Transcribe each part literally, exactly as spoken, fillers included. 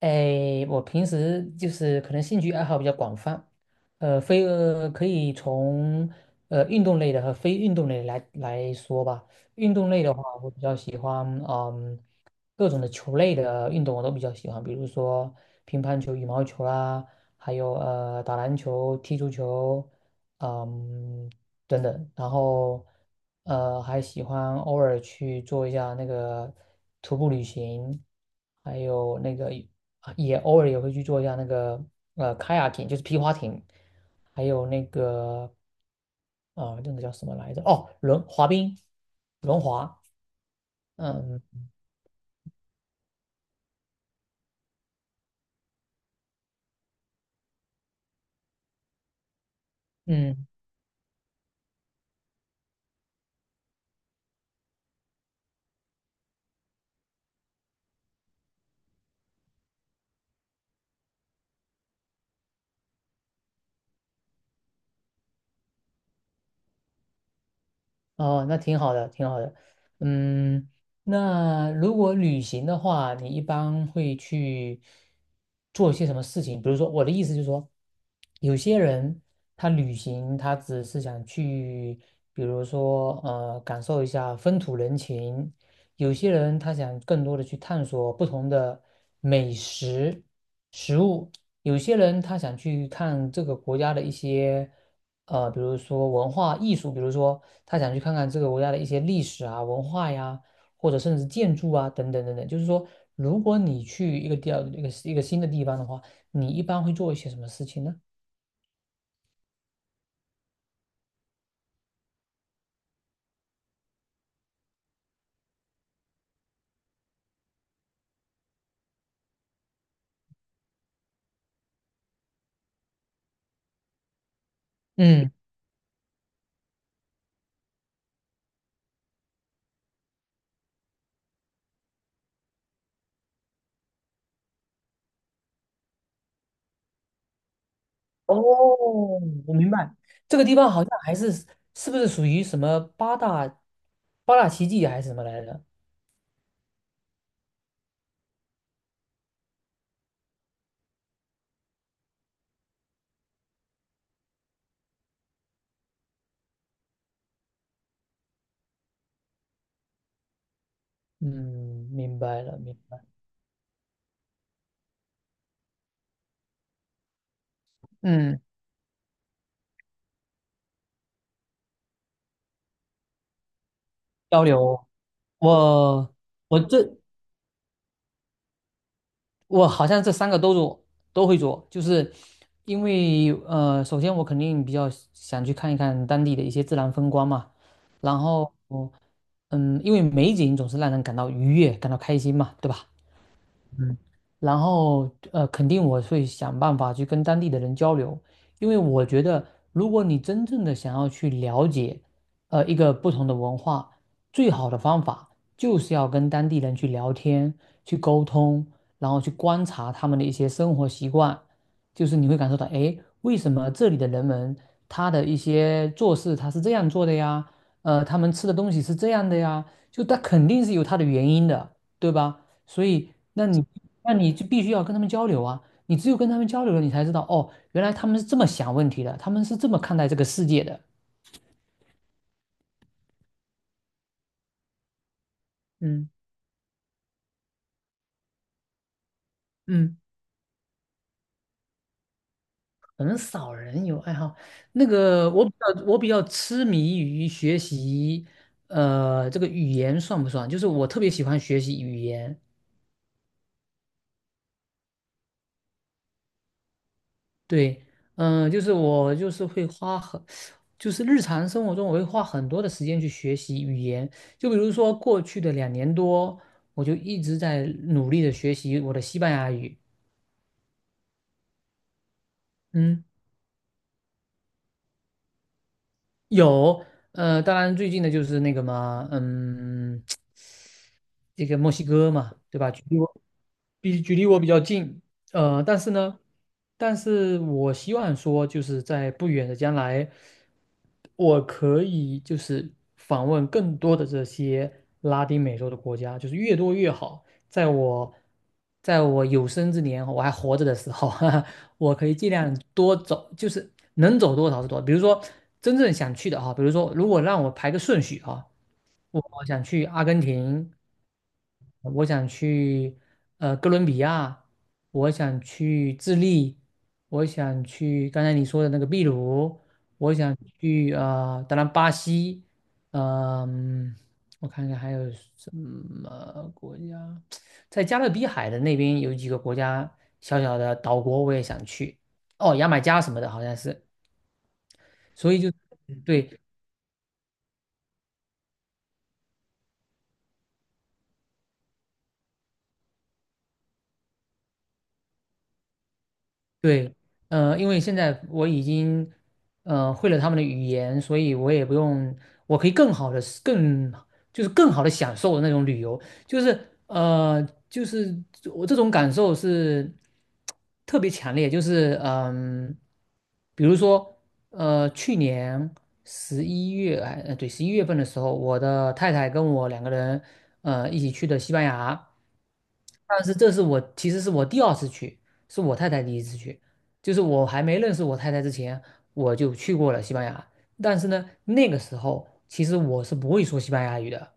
哎，我平时就是可能兴趣爱好比较广泛，呃，非呃可以从呃运动类的和非运动类来来说吧。运动类的话，我比较喜欢，嗯，各种的球类的运动我都比较喜欢，比如说乒乓球、羽毛球啦，还有呃打篮球、踢足球，嗯等等。然后呃还喜欢偶尔去做一下那个徒步旅行。还有那个也偶尔也会去做一下那个呃 kayaking，就是皮划艇，还有那个呃那个叫什么来着？哦，轮滑冰，轮滑。嗯嗯，哦，那挺好的，挺好的。嗯，那如果旅行的话，你一般会去做一些什么事情？比如说，我的意思就是说，有些人他旅行，他只是想去，比如说呃，感受一下风土人情。有些人他想更多的去探索不同的美食食物，有些人他想去看这个国家的一些呃，比如说文化艺术，比如说他想去看看这个国家的一些历史啊、文化呀，或者甚至建筑啊等等等等。就是说，如果你去一个地儿一个一个新的地方的话，你一般会做一些什么事情呢？嗯。哦，我明白，这个地方好像还是是不是属于什么八大八大奇迹还是什么来着？嗯，明白了，明白。嗯，交流，我我这我好像这三个都做都会做，就是因为呃，首先我肯定比较想去看一看当地的一些自然风光嘛，然后嗯，因为美景总是让人感到愉悦，感到开心嘛，对吧？嗯，然后呃，肯定我会想办法去跟当地的人交流，因为我觉得，如果你真正的想要去了解，呃，一个不同的文化，最好的方法就是要跟当地人去聊天、去沟通，然后去观察他们的一些生活习惯，就是你会感受到，诶，为什么这里的人们他的一些做事他是这样做的呀？呃，他们吃的东西是这样的呀，就他肯定是有他的原因的，对吧？所以，那你那你就必须要跟他们交流啊！你只有跟他们交流了，你才知道哦，原来他们是这么想问题的，他们是这么看待这个世界的。嗯嗯，可能少人有爱好。那个，我比较我比较痴迷于学习，呃，这个语言算不算？就是我特别喜欢学习语言，对，嗯、就是我就是会花很，就是日常生活中我会花很多的时间去学习语言。就比如说过去的两年多，我就一直在努力的学习我的西班牙语。嗯。有，呃，当然最近的就是那个嘛，嗯，这个墨西哥嘛，对吧？距离我比距离我比较近，呃，但是呢，但是我希望说，就是在不远的将来，我可以就是访问更多的这些拉丁美洲的国家，就是越多越好。在我在我有生之年，我还活着的时候，我可以尽量多走，就是能走多少是多少。比如说真正想去的哈，比如说如果让我排个顺序啊。我想去阿根廷，我想去呃哥伦比亚，我想去智利，我想去刚才你说的那个秘鲁，我想去呃，当然巴西，嗯、我看看还有什么国家，在加勒比海的那边有几个国家小小的岛国我也想去，哦，牙买加什么的好像是，所以就对，对，呃，因为现在我已经呃会了他们的语言，所以我也不用，我可以更好的、更就是更好的享受那种旅游，就是呃，就是我这种感受是特别强烈，就是嗯、比如说呃，去年十一月哎呃对十一月份的时候，我的太太跟我两个人呃一起去的西班牙，但是这是我其实是我第二次去。是我太太第一次去，就是我还没认识我太太之前，我就去过了西班牙。但是呢，那个时候其实我是不会说西班牙语的，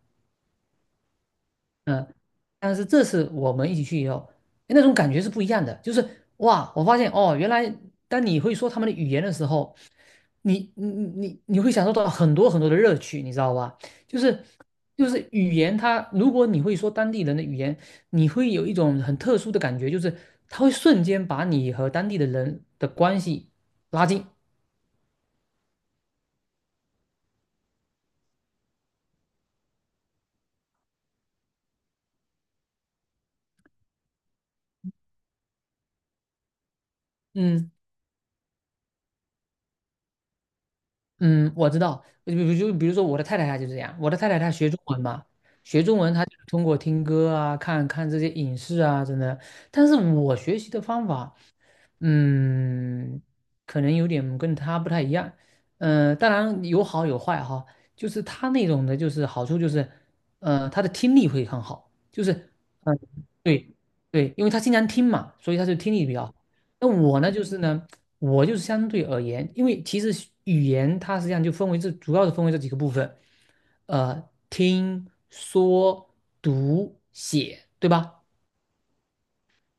嗯，但是这次我们一起去以后，诶那种感觉是不一样的。就是哇，我发现哦，原来当你会说他们的语言的时候，你你你你你会享受到很多很多的乐趣，你知道吧？就是就是语言它，如果你会说当地人的语言，你会有一种很特殊的感觉，就是它会瞬间把你和当地的人的关系拉近。嗯。嗯，我知道，比如就比如说我的太太她就是这样，我的太太她学中文嘛，学中文她就是通过听歌啊、看看这些影视啊，真的。但是我学习的方法，嗯，可能有点跟他不太一样。呃，当然有好有坏哈，就是他那种的，就是好处就是，呃，他的听力会很好，就是，嗯，对对，因为他经常听嘛，所以他就听力比较好。那我呢，就是呢，我就是相对而言，因为其实语言它实际上就分为这主要是分为这几个部分，呃，听、说、读、写，对吧？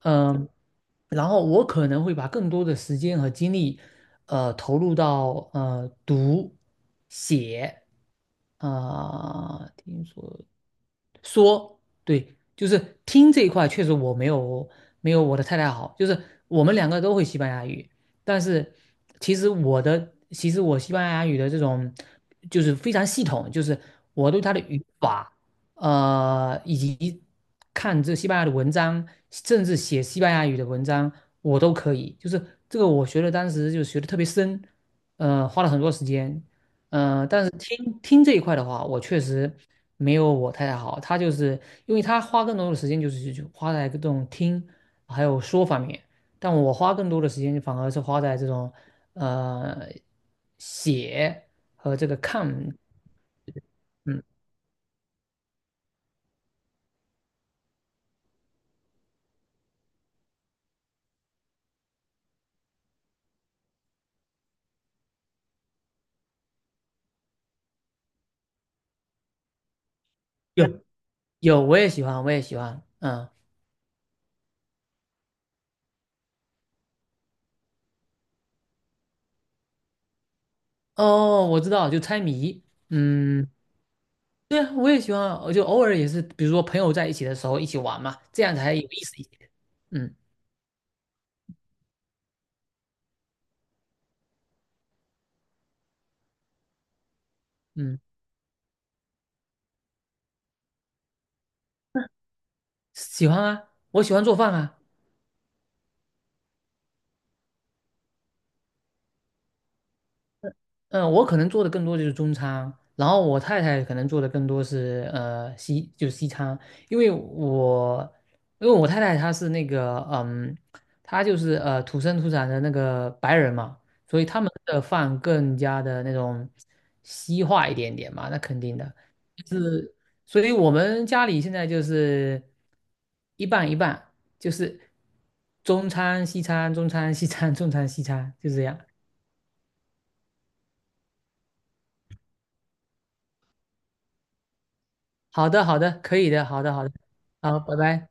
嗯，然后我可能会把更多的时间和精力，呃，投入到呃读、写，啊、听说。说，对，就是听这一块确实我没有没有我的太太好，就是我们两个都会西班牙语，但是其实我的其实我西班牙语的这种就是非常系统，就是我对它的语法，呃，以及看这西班牙的文章，甚至写西班牙语的文章，我都可以，就是这个我学的当时就学的特别深，呃，花了很多时间，嗯、呃但是听听这一块的话，我确实没有我太太好。她就是因为她花更多的时间就是就花在这种听还有说方面，但我花更多的时间反而是花在这种呃写和这个看。嗯，有有，我也喜欢，我也喜欢。嗯，哦，我知道，就猜谜。嗯，对啊，我也喜欢啊，我就偶尔也是，比如说朋友在一起的时候一起玩嘛，这样才有意思一些。嗯嗯。喜欢啊，我喜欢做饭啊，嗯，我可能做的更多就是中餐，然后我太太可能做的更多是呃西，就是西餐，因为我因为我太太她是那个嗯，她就是呃土生土长的那个白人嘛，所以他们的饭更加的那种西化一点点嘛，那肯定的，是，所以我们家里现在就是一半一半，就是中餐西餐，中餐西餐，中餐西餐，就这样。好的，好的，可以的，好的，好的，好，拜拜。